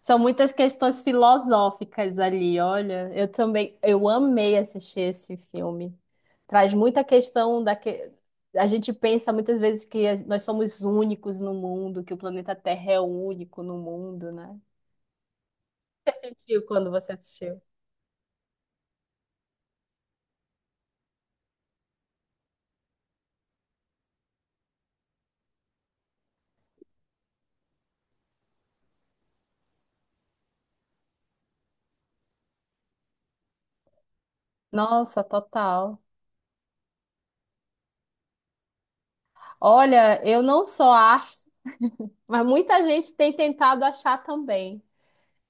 São muitas questões filosóficas ali, olha. Eu também, eu amei assistir esse filme. Traz muita questão da que a gente pensa muitas vezes que nós somos únicos no mundo, que o planeta Terra é o único no mundo, né? O que você sentiu quando você assistiu? Nossa, total. Olha, eu não só acho, mas muita gente tem tentado achar também.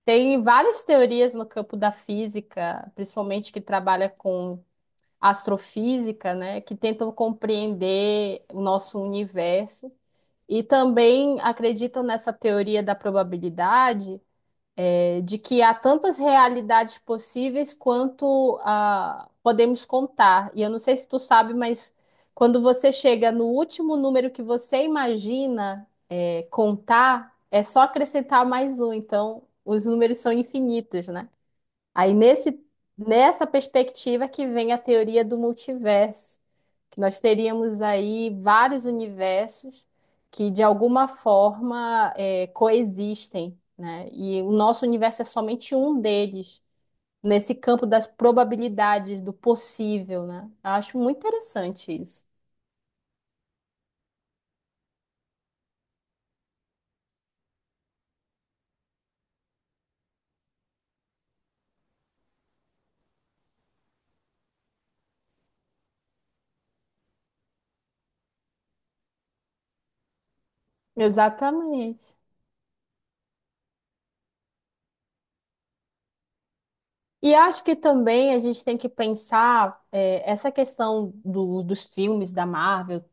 Tem várias teorias no campo da física, principalmente que trabalha com astrofísica, né, que tentam compreender o nosso universo e também acreditam nessa teoria da probabilidade, de que há tantas realidades possíveis quanto podemos contar. E eu não sei se tu sabe, mas quando você chega no último número que você imagina contar, é só acrescentar mais um. Então, os números são infinitos, né? Aí nessa perspectiva que vem a teoria do multiverso, que nós teríamos aí vários universos que de alguma forma coexistem, né? E o nosso universo é somente um deles, nesse campo das probabilidades, do possível, né? Eu acho muito interessante isso. Exatamente. E acho que também a gente tem que pensar essa questão dos filmes da Marvel.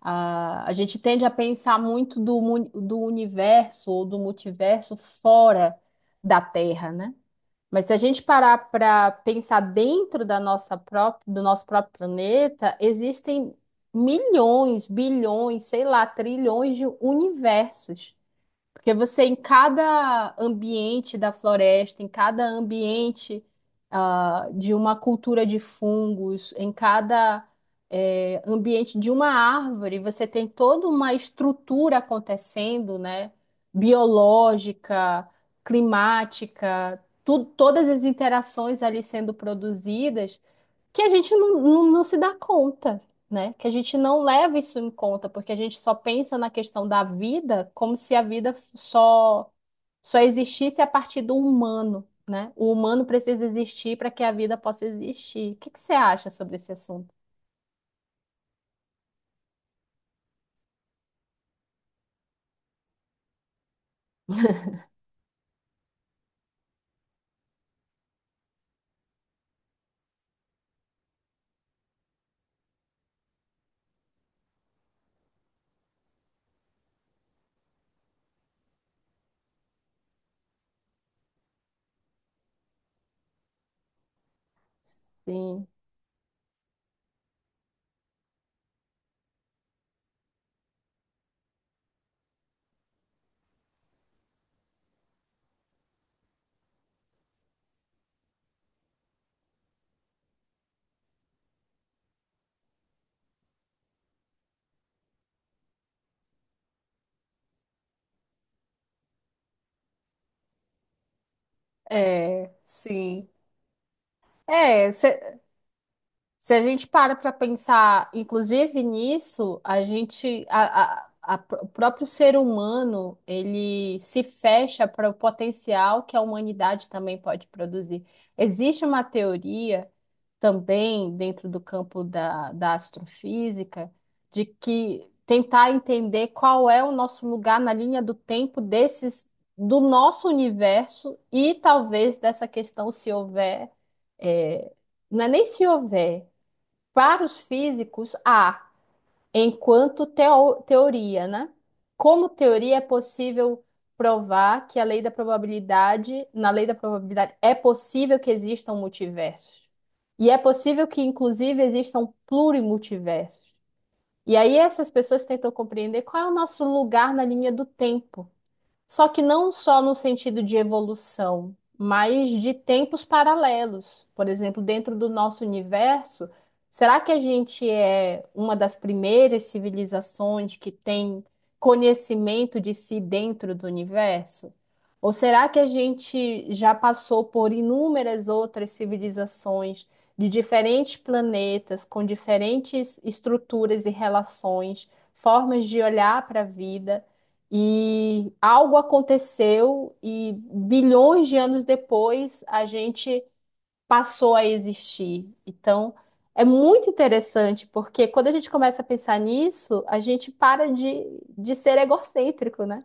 A gente tende a pensar muito do universo ou do multiverso fora da Terra, né? Mas se a gente parar para pensar dentro da nossa própria, do nosso próprio planeta, existem milhões, bilhões, sei lá, trilhões de universos. Porque você, em cada ambiente da floresta, em cada ambiente, de uma cultura de fungos, em cada, ambiente de uma árvore, você tem toda uma estrutura acontecendo, né? Biológica, climática, todas as interações ali sendo produzidas que a gente não se dá conta, né? Que a gente não leva isso em conta, porque a gente só pensa na questão da vida como se a vida só existisse a partir do humano, né? O humano precisa existir para que a vida possa existir. O que que você acha sobre esse assunto? Sim, sim. É, se a gente para para pensar, inclusive nisso, a gente, a o próprio ser humano, ele se fecha para o potencial que a humanidade também pode produzir. Existe uma teoria também dentro do campo da, da astrofísica de que tentar entender qual é o nosso lugar na linha do tempo desses, do nosso universo e talvez dessa questão se houver, é, não é nem se houver. Para os físicos, há, enquanto teoria, né? Como teoria é possível provar que a lei da probabilidade, na lei da probabilidade, é possível que existam multiversos. E é possível que, inclusive, existam plurimultiversos. E aí essas pessoas tentam compreender qual é o nosso lugar na linha do tempo. Só que não só no sentido de evolução, mas de tempos paralelos. Por exemplo, dentro do nosso universo, será que a gente é uma das primeiras civilizações que tem conhecimento de si dentro do universo? Ou será que a gente já passou por inúmeras outras civilizações de diferentes planetas, com diferentes estruturas e relações, formas de olhar para a vida? E algo aconteceu e bilhões de anos depois a gente passou a existir. Então, é muito interessante, porque quando a gente começa a pensar nisso, a gente para de ser egocêntrico, né?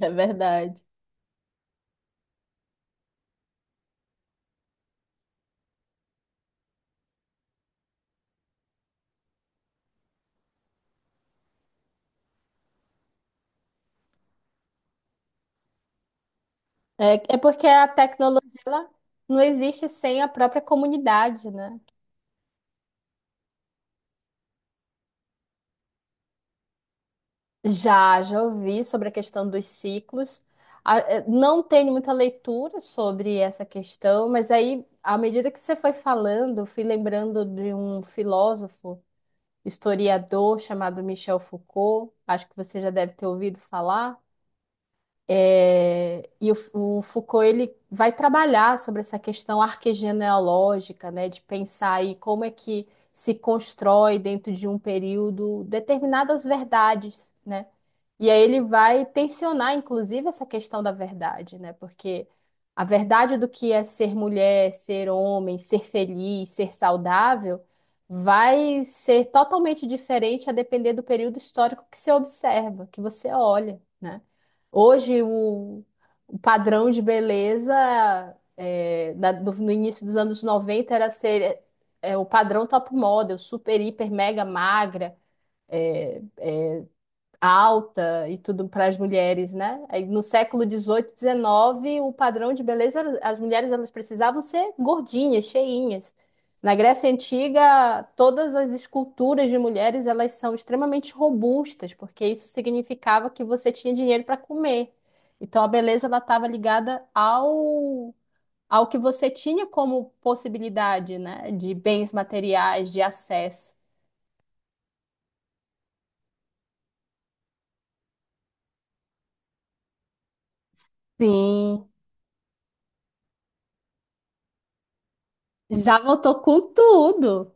É verdade. É, é porque a tecnologia ela não existe sem a própria comunidade, né? Já, já ouvi sobre a questão dos ciclos. Não tenho muita leitura sobre essa questão, mas aí, à medida que você foi falando, eu fui lembrando de um filósofo, historiador chamado Michel Foucault. Acho que você já deve ter ouvido falar. E o Foucault ele vai trabalhar sobre essa questão arquegenealógica, né, de pensar aí como é que se constrói dentro de um período determinadas verdades, né? E aí ele vai tensionar, inclusive, essa questão da verdade, né? Porque a verdade do que é ser mulher, ser homem, ser feliz, ser saudável, vai ser totalmente diferente a depender do período histórico que você observa, que você olha, né? Hoje, o padrão de beleza no início dos anos 90 era ser o padrão top model, super, hiper, mega magra é, alta e tudo para as mulheres, né? Aí, no século XVIII, XIX, o padrão de beleza, era- as mulheres elas precisavam ser gordinhas, cheinhas. Na Grécia Antiga, todas as esculturas de mulheres elas são extremamente robustas, porque isso significava que você tinha dinheiro para comer. Então a beleza ela estava ligada ao que você tinha como possibilidade, né, de bens materiais, de acesso. Sim, já voltou com tudo.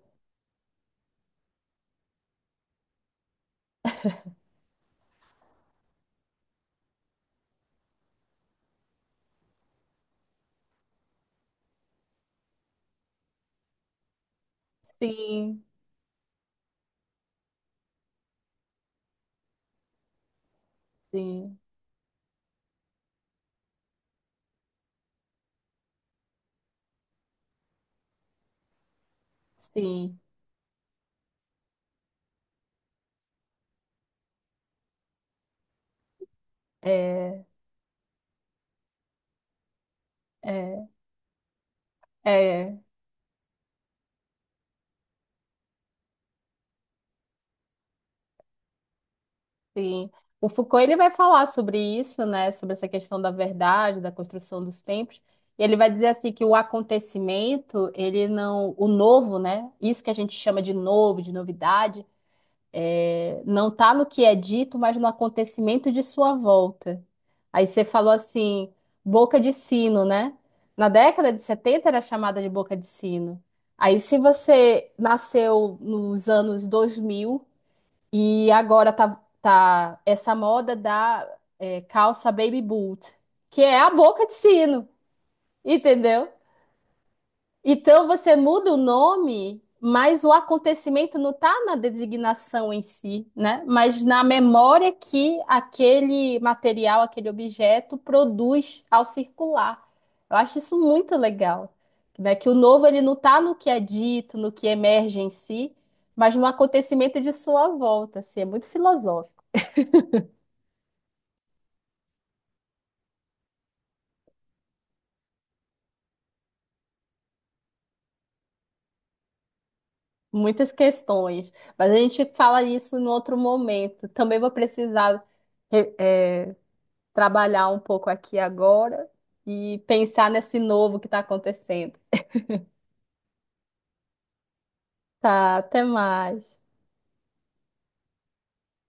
Sim, sim, sim. É, é, é, sim. O Foucault ele vai falar sobre isso, né? Sobre essa questão da verdade, da construção dos tempos. E ele vai dizer assim que o acontecimento, ele não, o novo, né? Isso que a gente chama de novo, de novidade, não está no que é dito, mas no acontecimento de sua volta. Aí você falou assim, boca de sino, né? Na década de 70 era chamada de boca de sino. Aí se você nasceu nos anos 2000 e agora tá essa moda da calça baby boot, que é a boca de sino, entendeu? Então você muda o nome, mas o acontecimento não está na designação em si, né? Mas na memória que aquele material, aquele objeto produz ao circular. Eu acho isso muito legal, né? Que o novo ele não está no que é dito, no que emerge em si, mas no acontecimento de sua volta. Assim, é muito filosófico, muitas questões. Mas a gente fala isso em outro momento. Também vou precisar eh, eh, trabalhar um pouco aqui e agora e pensar nesse novo que está acontecendo. Tá, até mais.